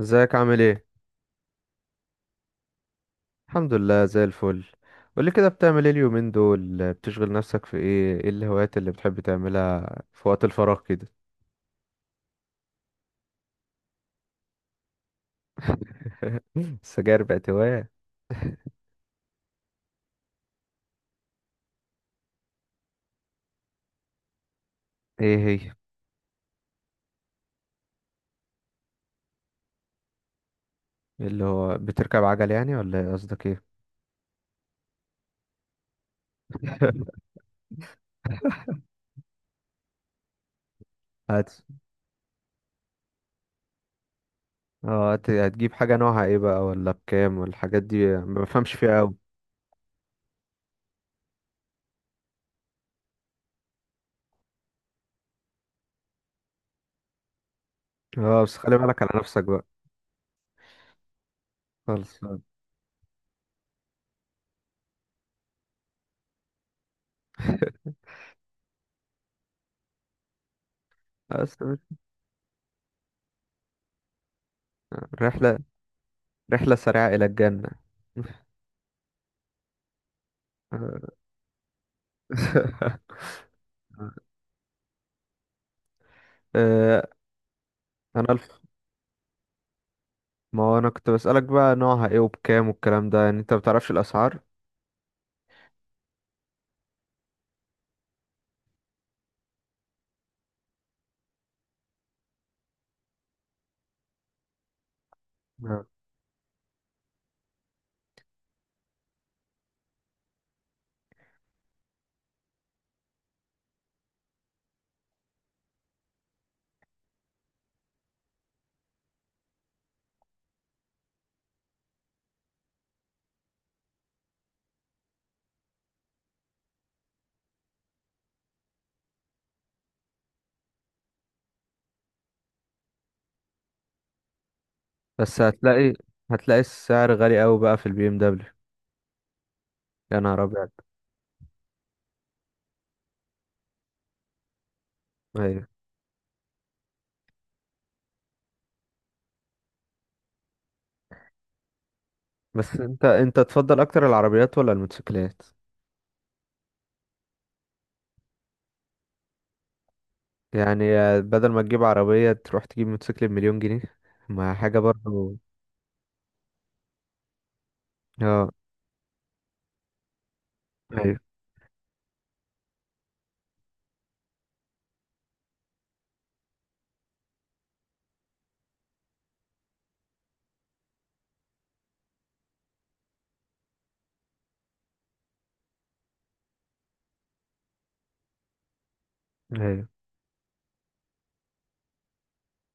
ازيك، عامل ايه؟ الحمد لله، زي الفل. قولي كده، بتعمل ايه اليومين دول؟ بتشغل نفسك في ايه الهوايات اللي بتحب تعملها في وقت الفراغ كده؟ السجاير بقت هواية؟ ايه هي؟ اللي هو بتركب عجل يعني، ولا ايه؟ قصدك ايه؟ هت هتجيب حاجة نوعها ايه بقى؟ ولا بكام؟ والحاجات دي ما بفهمش فيها اوي. اه، بس خلي بالك على نفسك بقى. خلص. بس. رحلة رحلة سريعة الى الجنة. آه، انا ما هو انا كنت بسألك بقى نوعها ايه وبكام والكلام ده، يعني انت ما بتعرفش الاسعار؟ آه. بس هتلاقي السعر غالي قوي بقى في البي ام دبليو. يا نهار ابيض! ايوه. بس انت تفضل اكتر العربيات ولا الموتوسيكلات؟ يعني بدل ما تجيب عربية تروح تجيب موتوسيكل بمليون جنيه؟ ما حاجة برضو. اه. ايوه. ايوه،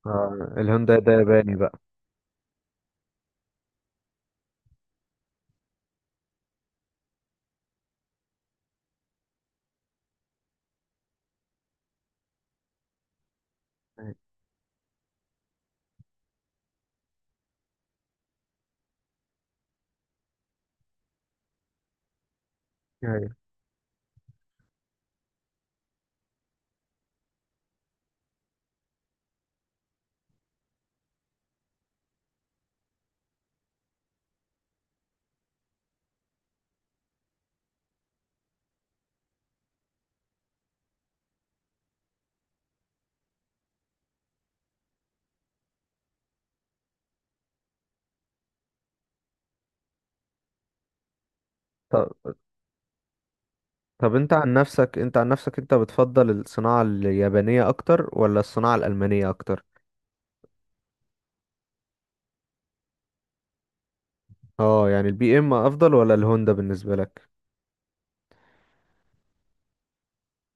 الهوندا ده ياباني بقى؟ أيوة. أيوة. طب طب انت عن نفسك انت بتفضل الصناعة اليابانية اكتر ولا الصناعة الألمانية اكتر؟ اه، يعني البي ام افضل ولا الهوندا بالنسبه لك؟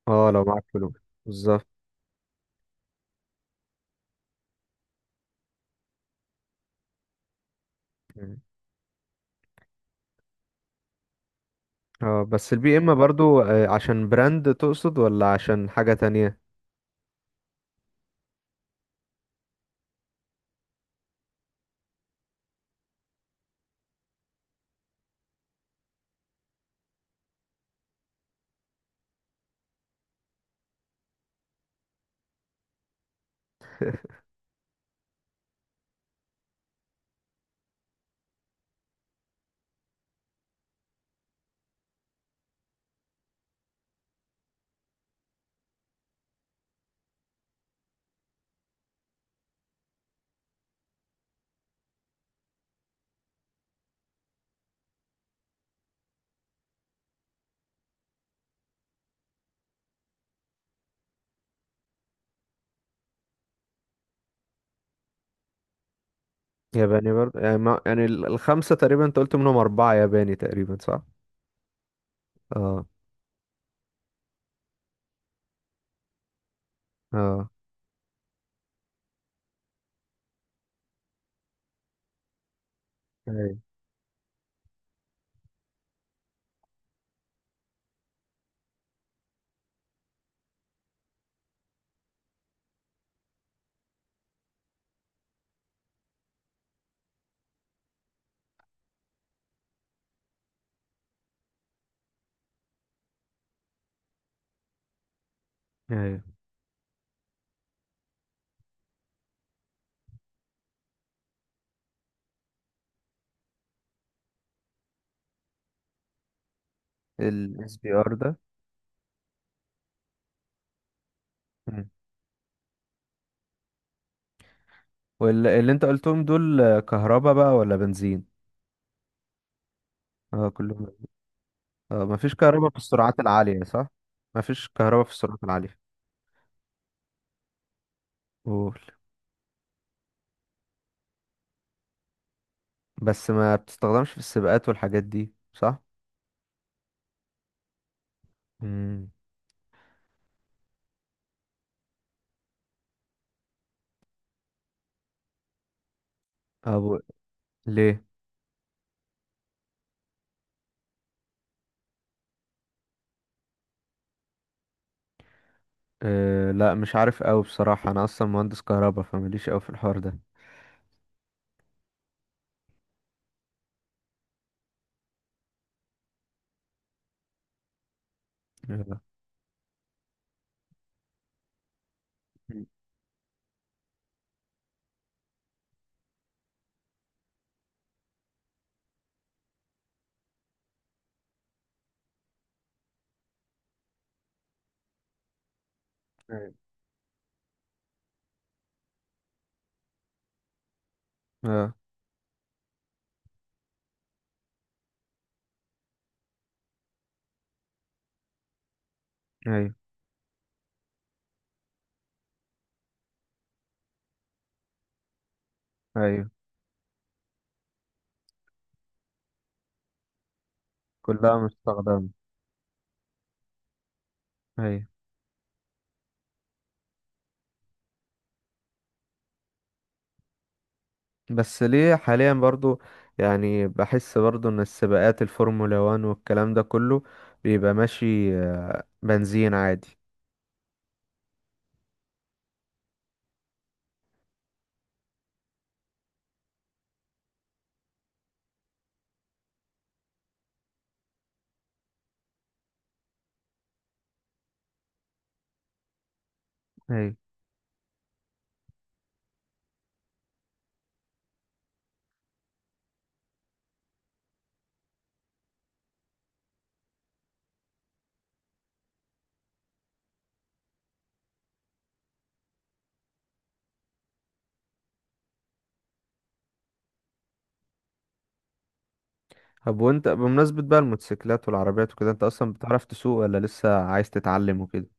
اه، لو معاك فلوس. بالظبط. مم. اه، بس البي ام برضو عشان براند تقصد ولا عشان حاجه تانية؟ ياباني برضو، يعني ما يعني الخمسه تقريبا انت قلت منهم اربعه ياباني تقريبا، صح؟ اه. اه. ايوه. ايوه. الاس بي ار ده. مم. واللي انت قلتهم دول كهربا بقى ولا بنزين؟ اه، كلهم؟ اه، مفيش كهربا في السرعات العاليه، صح؟ مفيش كهربا في السرعات العاليه. قول. بس ما بتستخدمش في السباقات والحاجات دي، صح؟ امم. ابو. ليه؟ أه، لا مش عارف قوي بصراحة، انا اصلا مهندس كهرباء فماليش قوي في الحوار ده. آه. مم. ايوه. آه. ايوه. ايو. كلها مستخدمة. ايوه. بس ليه حاليا برضو؟ يعني بحس برضو ان السباقات الفورمولا 1 والكلام ده كله بيبقى ماشي بنزين عادي. ايوه. طب وانت بمناسبة بقى الموتوسيكلات والعربيات وكده، انت اصلا بتعرف تسوق ولا لسه عايز تتعلم وكده؟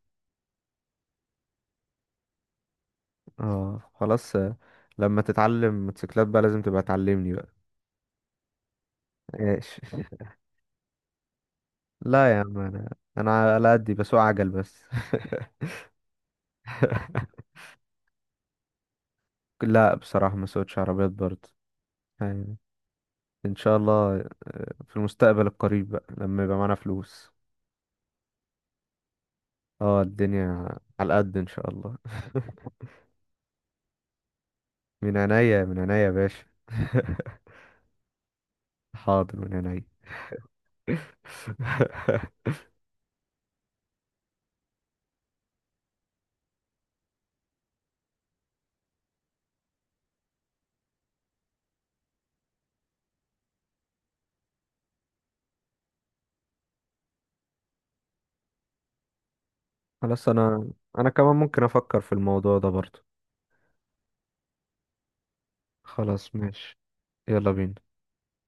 اه خلاص، لما تتعلم موتوسيكلات بقى لازم تبقى تعلمني بقى. ماشي. لا يا عم، انا على قدي بسوق عجل بس. لا، بصراحة ما سوقتش عربيات برضه. يعني، ان شاء الله في المستقبل القريب بقى لما يبقى معانا فلوس. اه، الدنيا على قد، ان شاء الله. من عينيا، من عينيا يا باشا. حاضر، من عينيا. خلاص، انا كمان ممكن افكر في الموضوع ده برضه. خلاص ماشي. يلا بينا.